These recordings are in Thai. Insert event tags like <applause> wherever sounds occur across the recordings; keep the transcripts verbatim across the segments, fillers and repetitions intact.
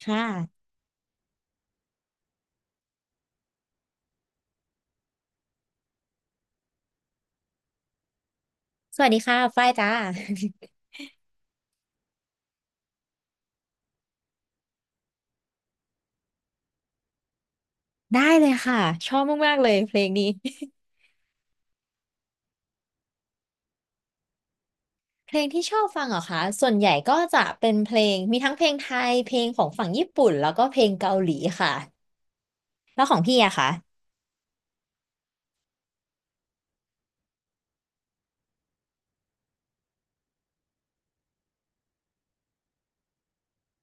ค่ะสวัสดีค่ะฝ้ายจ้า <laughs> ได้เลยค่ะ ชอบมากๆเลยเพลงนี้ <laughs> เพลงที่ชอบฟังเหรอคะส่วนใหญ่ก็จะเป็นเพลง มีทั้งเพลงไทย เพลงของฝั่งญี่ปุ่น แล้วก็เพลงเกาหลีค่ะแล้วของพี่อะคะ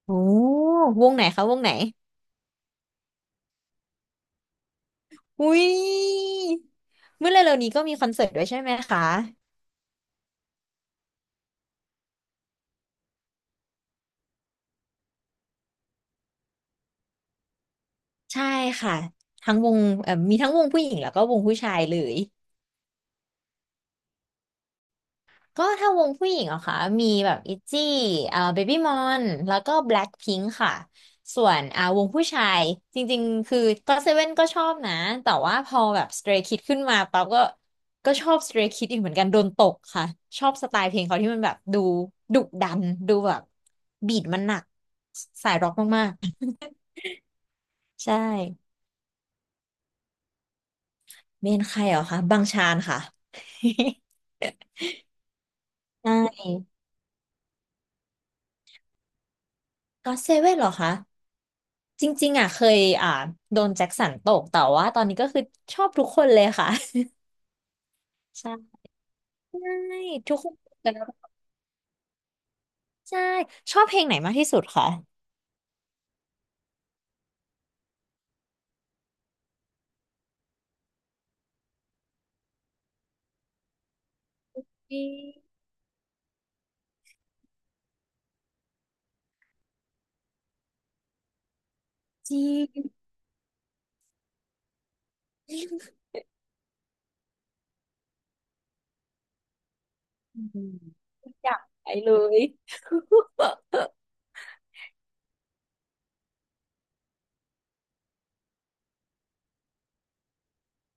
โอ้วงไหนคะวงไหนอุ้ยเมื่อเร็วๆนี้ก็มีคอนเสิร์ตด้วยใช่ไหมคะใช่ค่ะทั้งวงเอ่อมีทั้งวงผู้หญิงแล้วก็วงผู้ชายเลย ก็ถ้าวงผู้หญิงเหรอคะมีแบบอิจี้เอ่อเบบี้มอนแล้วก็แบล็คพิงค์ค่ะส่วนอ่าวงผู้ชายจริงๆคือก็เซเว่นก็ชอบนะแต่ว่าพอแบบสเตร y k คิดขึ้นมาปั๊บก็ก็ชอบสเตรย์คิดอีกเหมือนกันโดนตกค่ะชอบสไตล์เพลงเขาที่มันแบบดูดุดันดูแบบบีทมันหนักสายร็อกมากๆใช่เมนใครเหรอคะบังชานค่ะ <laughs> ใช่ก็เซเว่นเหรอคะ จริงๆอ่ะเคยอ่าโดนแจ็คสันตกแต่ว่าตอนนี้ก็คือชอบทุกคนเลยค่ะใช่ทุกคนแต่ละใช่ชอบเพลงไหนมากที่สุดคะจริงๆอืมอยากไปเลย <laughs>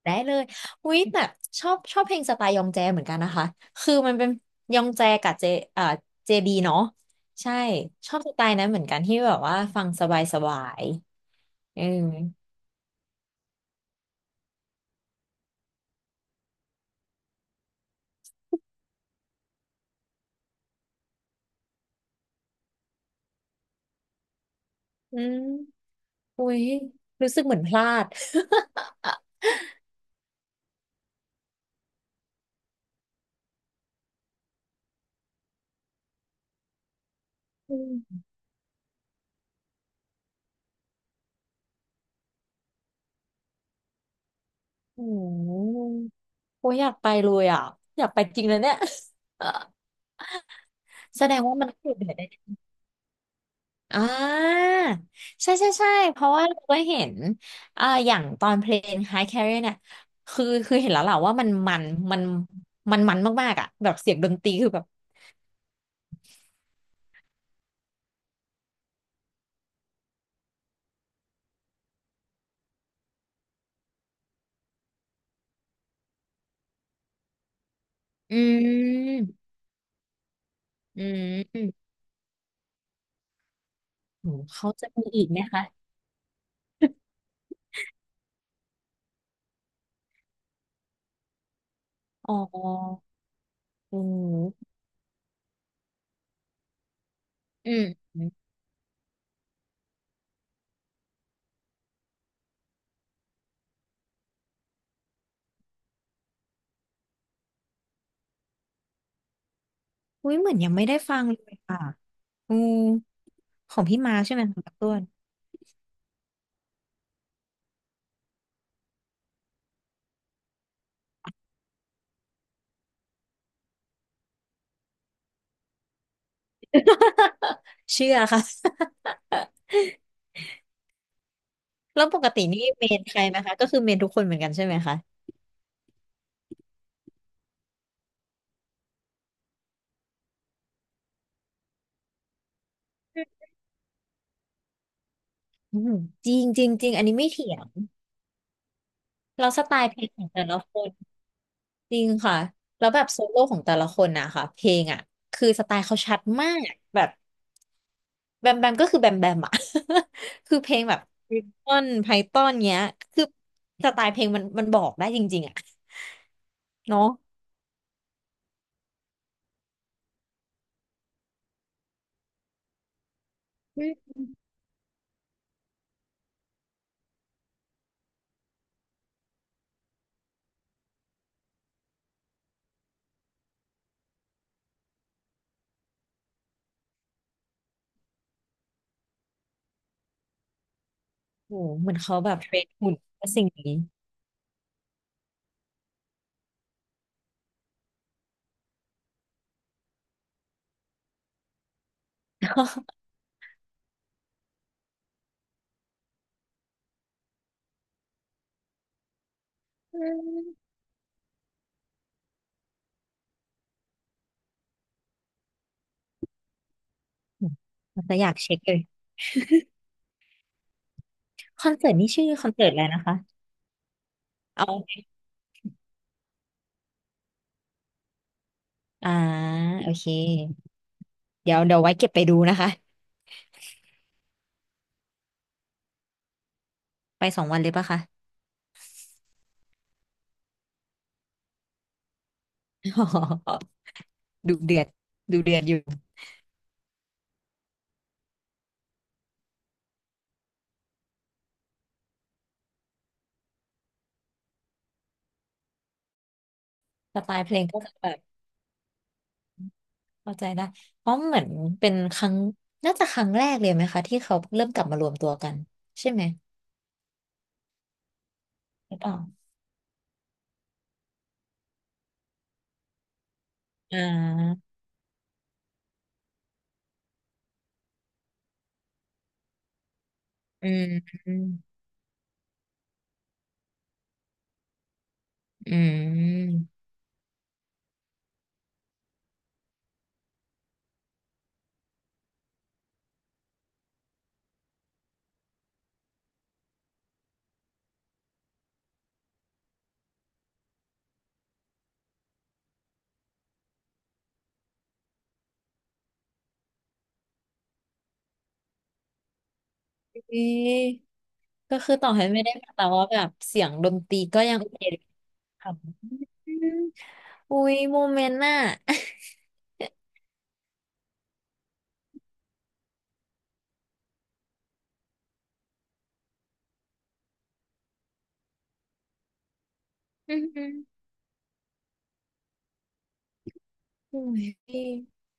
ได้เลยอุ๊ยแบบชอบชอบเพลงสไตล์ยองแจเหมือนกันนะคะคือมันเป็นยองแจกับเจอ่าเจบีเนาะใช่ชอบสไตล์นั้นเหมือนกันที่แบบว่าฟังสบายสบายเอออืม อุ้ยรู้สึกเหมือนพลาด <laughs> อืม <laughs> โอ้โหโอ้ยอยากไปเลยอ่ะอยากไปจริงเลยเนี่ย <laughs> เออแสดงว่ามันคือยู่เดือดได้อ่าใช่ใช่ใช่เพราะว่าเราก็เห็นอ่าอย่างตอนเพลง High Carrier เนี่ยคือคือเห็นแล้วแหละว่ามันมันมันมันมันมากๆอ่ะแบบเสียงดนตรีคือแบบ อืมอืมอืมโหเขาจะมีอีกไหมคะ อ๋ออืมอืมอุ้ยเหมือนยังไม่ได้ฟังเลยค่ะอืม ของพี่มาร์คใช่ไหมของพั่ต้วนเชื่อค่ะ <laughs> แล้วปกตินี่เมนใครไหมคะก็คือเมนทุกคนเหมือนกันใช่ไหมคะอืมจริงจริงจริงอันนี้ไม่เถียงเราสไตล์เพลงของแต่ละคนจริงค่ะแล้วแบบโซโล่ของแต่ละคนนะคะเพลงอ่ะคือสไตล์เขาชัดมากแบบแบมแบมก็คือแบมแบมอ่ะ <laughs> คือเพลงแบบริปต้นไพทอนเนี้ยคือสไตล์เพลงมันมันบอกได้จริงๆอ่ะเนาะอืมโอ้โหเหมือนเขาแบบเทรนหุ่นกับสิ่งนี้ <laughs> เราจะอยากเช็คเลยคอนเสิร์ตนี่ชื่อคอนเสิร์ตอะไรนะคะเอาอ่าโอเคเดี๋ยวเดี๋ยวไว้เก็บไปดูนะคะไปสองวันเลยปะคะอ๋อ <laughs> ดูเดือดดูเดือดอยู่สไตล์เพลงก็จะแบบเข้าใจได้เพราะเหมือนเป็นครั้งน่าจะครั้งแรกเลยไหมคะที่เขาเริ่มกลับมารวมตัวกันใช่ไหมหรือเปล่าอ่าอืมอืมเอ๊ะก็คือต่อให้ไม่ได้มาแต่ว่าแบบเสียงดนตรีก็ยังโอเค อืมอุ้ยโมเมนต์น่ะ <laughs> อืมอืมอุ้ยพี่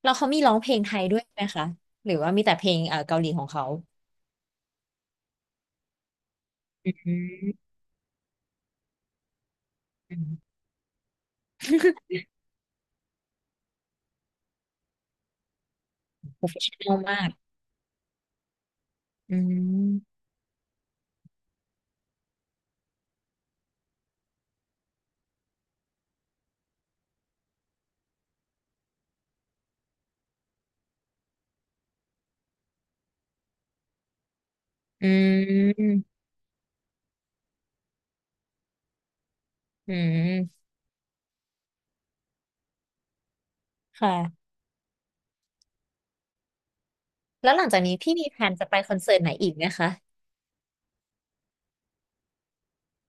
แล้วเขามีร้องเพลงไทยด้วยไหมคะหรือว่ามีแต่เพลงเอ่อเกาหลีของเขาอืมอืม <laughs> โปรเฟชชั่นอลมากอืมอืมอืมค่ะแล้วหลังจากนี้พี่มีแผนจะไปคอนเสิร์ตไหนอีกไหมคะ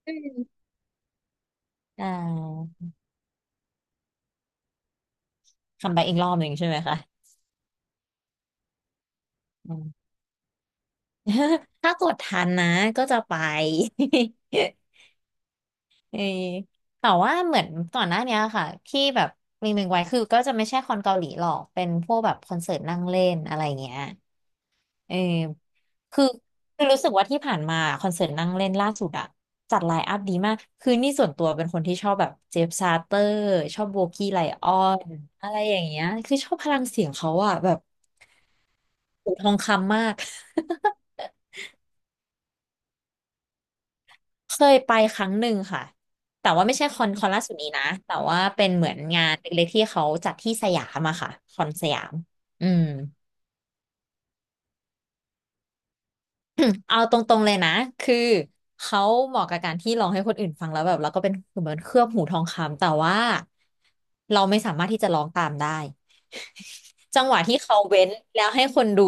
อืมอ่าคำไปอีกรอบหนึ่งใช่ไหมคะอืม <laughs> ถ้ากดทันนะก็จะไป <laughs> เออแต่ว่าเหมือนก่อนหน้าเนี้ยค่ะที่แบบมีหนึ่งไว้คือก็จะไม่ใช่คอนเกาหลีหรอกเป็นพวกแบบคอนเสิร์ตนั่งเล่นอะไรเงี้ยเออคือคือรู้สึกว่าที่ผ่านมาคอนเสิร์ตนั่งเล่นล่าสุดอะจัดไลน์อัพดีมากคือนี่ส่วนตัวเป็นคนที่ชอบแบบเจฟซาเตอร์ชอบโบกี้ไลออนอะไรอย่างเงี้ยคือชอบพลังเสียงเขาอะแบบหูทองคำมาก เคยไปครั้งหนึ่งค่ะ แต่ว่าไม่ใช่คอนคอนล่าสุดนี้นะแต่ว่าเป็นเหมือนงานเล็กๆที่เขาจัดที่สยามอะค่ะคอนสยามอืมเอาตรงๆเลยนะคือเขาเหมาะกับการที่ร้องให้คนอื่นฟังแล้วแบบแล้วก็เป็นเหมือนเคลือบหูทองคำแต่ว่าเราไม่สามารถที่จะร้องตามได้จังหวะที่เขาเว้นแล้วให้คนดู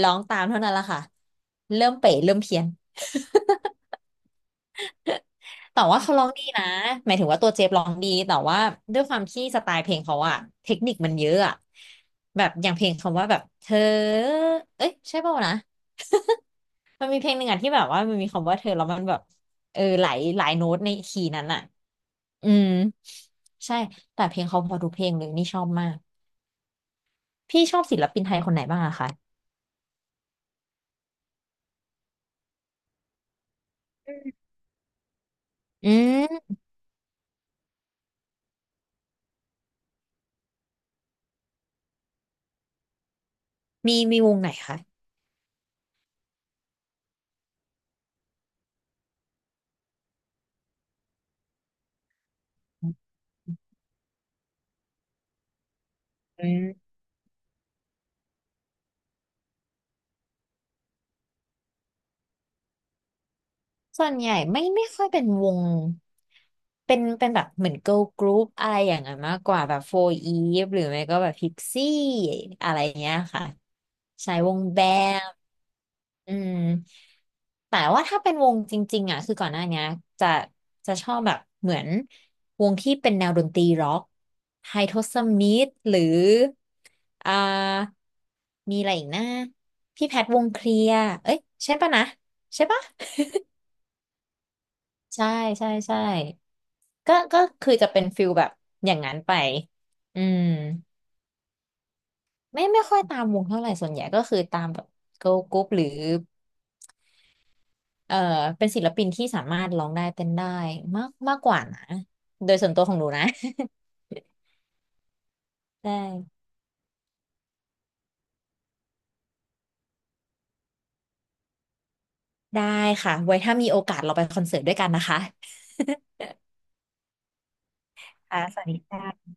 ร้องตามเท่านั้นแหละค่ะเริ่มเป๋เริ่มเพี้ยน แต่ว่าเขาร้องดีนะหมายถึงว่าตัวเจฟร้องดีแต่ว่าด้วยความที่สไตล์เพลงเขาอะเทคนิคมันเยอะอะแบบอย่างเพลงคำว่าแบบเธอเอ้ยใช่เปล่าวนะมันมีเพลงหนึ่งอะที่แบบว่ามันมีคำว่าเธอแล้วมันแบบเออหลายหลายโน้ตในคีย์นั้นอะอืมใช่แต่เพลงเขาพอทุกเพลงเลยนี่ชอบมากพี่ชอบศิลปินไทยคนไหนบ้างอะคะอืมมีมีวงไหนคะอืม ส่วนใหญ่ไม่ไม่ค่อยเป็นวงเป็นเป็นแบบเหมือน girl group อะไรอย่างนั้นมากกว่าแบบโฟร์ Eve หรือไม่ก็แบบ Pixie อะไรเงี้ยค่ะใช้วงแบมอืมแต่ว่าถ้าเป็นวงจริงๆอ่ะคือก่อนหน้าเนี้ยจะจะชอบแบบเหมือนวงที่เป็นแนวดนตรีร็อกไฮโทสมิธหรืออ่ามีอะไรอีกนะพี่แพทวงเคลียร์เอ้ยใช่ปะนะใช่ปะ ใช่ใช่ใช่ก็ก็คือจะเป็นฟิลแบบอย่างนั้นไปอืมไม่ไม่ค่อยตามวงเท่าไหร่ส่วนใหญ่ก็คือตามแบบเกิร์ลกรุ๊ปหรือเอ่อเป็นศิลปินที่สามารถร้องได้เต้นได้มากมากกว่านะโดยส่วนตัวของหนูนะ <laughs> ได้ได้ค่ะไว้ถ้ามีโอกาสเราไปคอนเสิร์ตด้วยกันนะคะค่ะสวัสดีค่ะ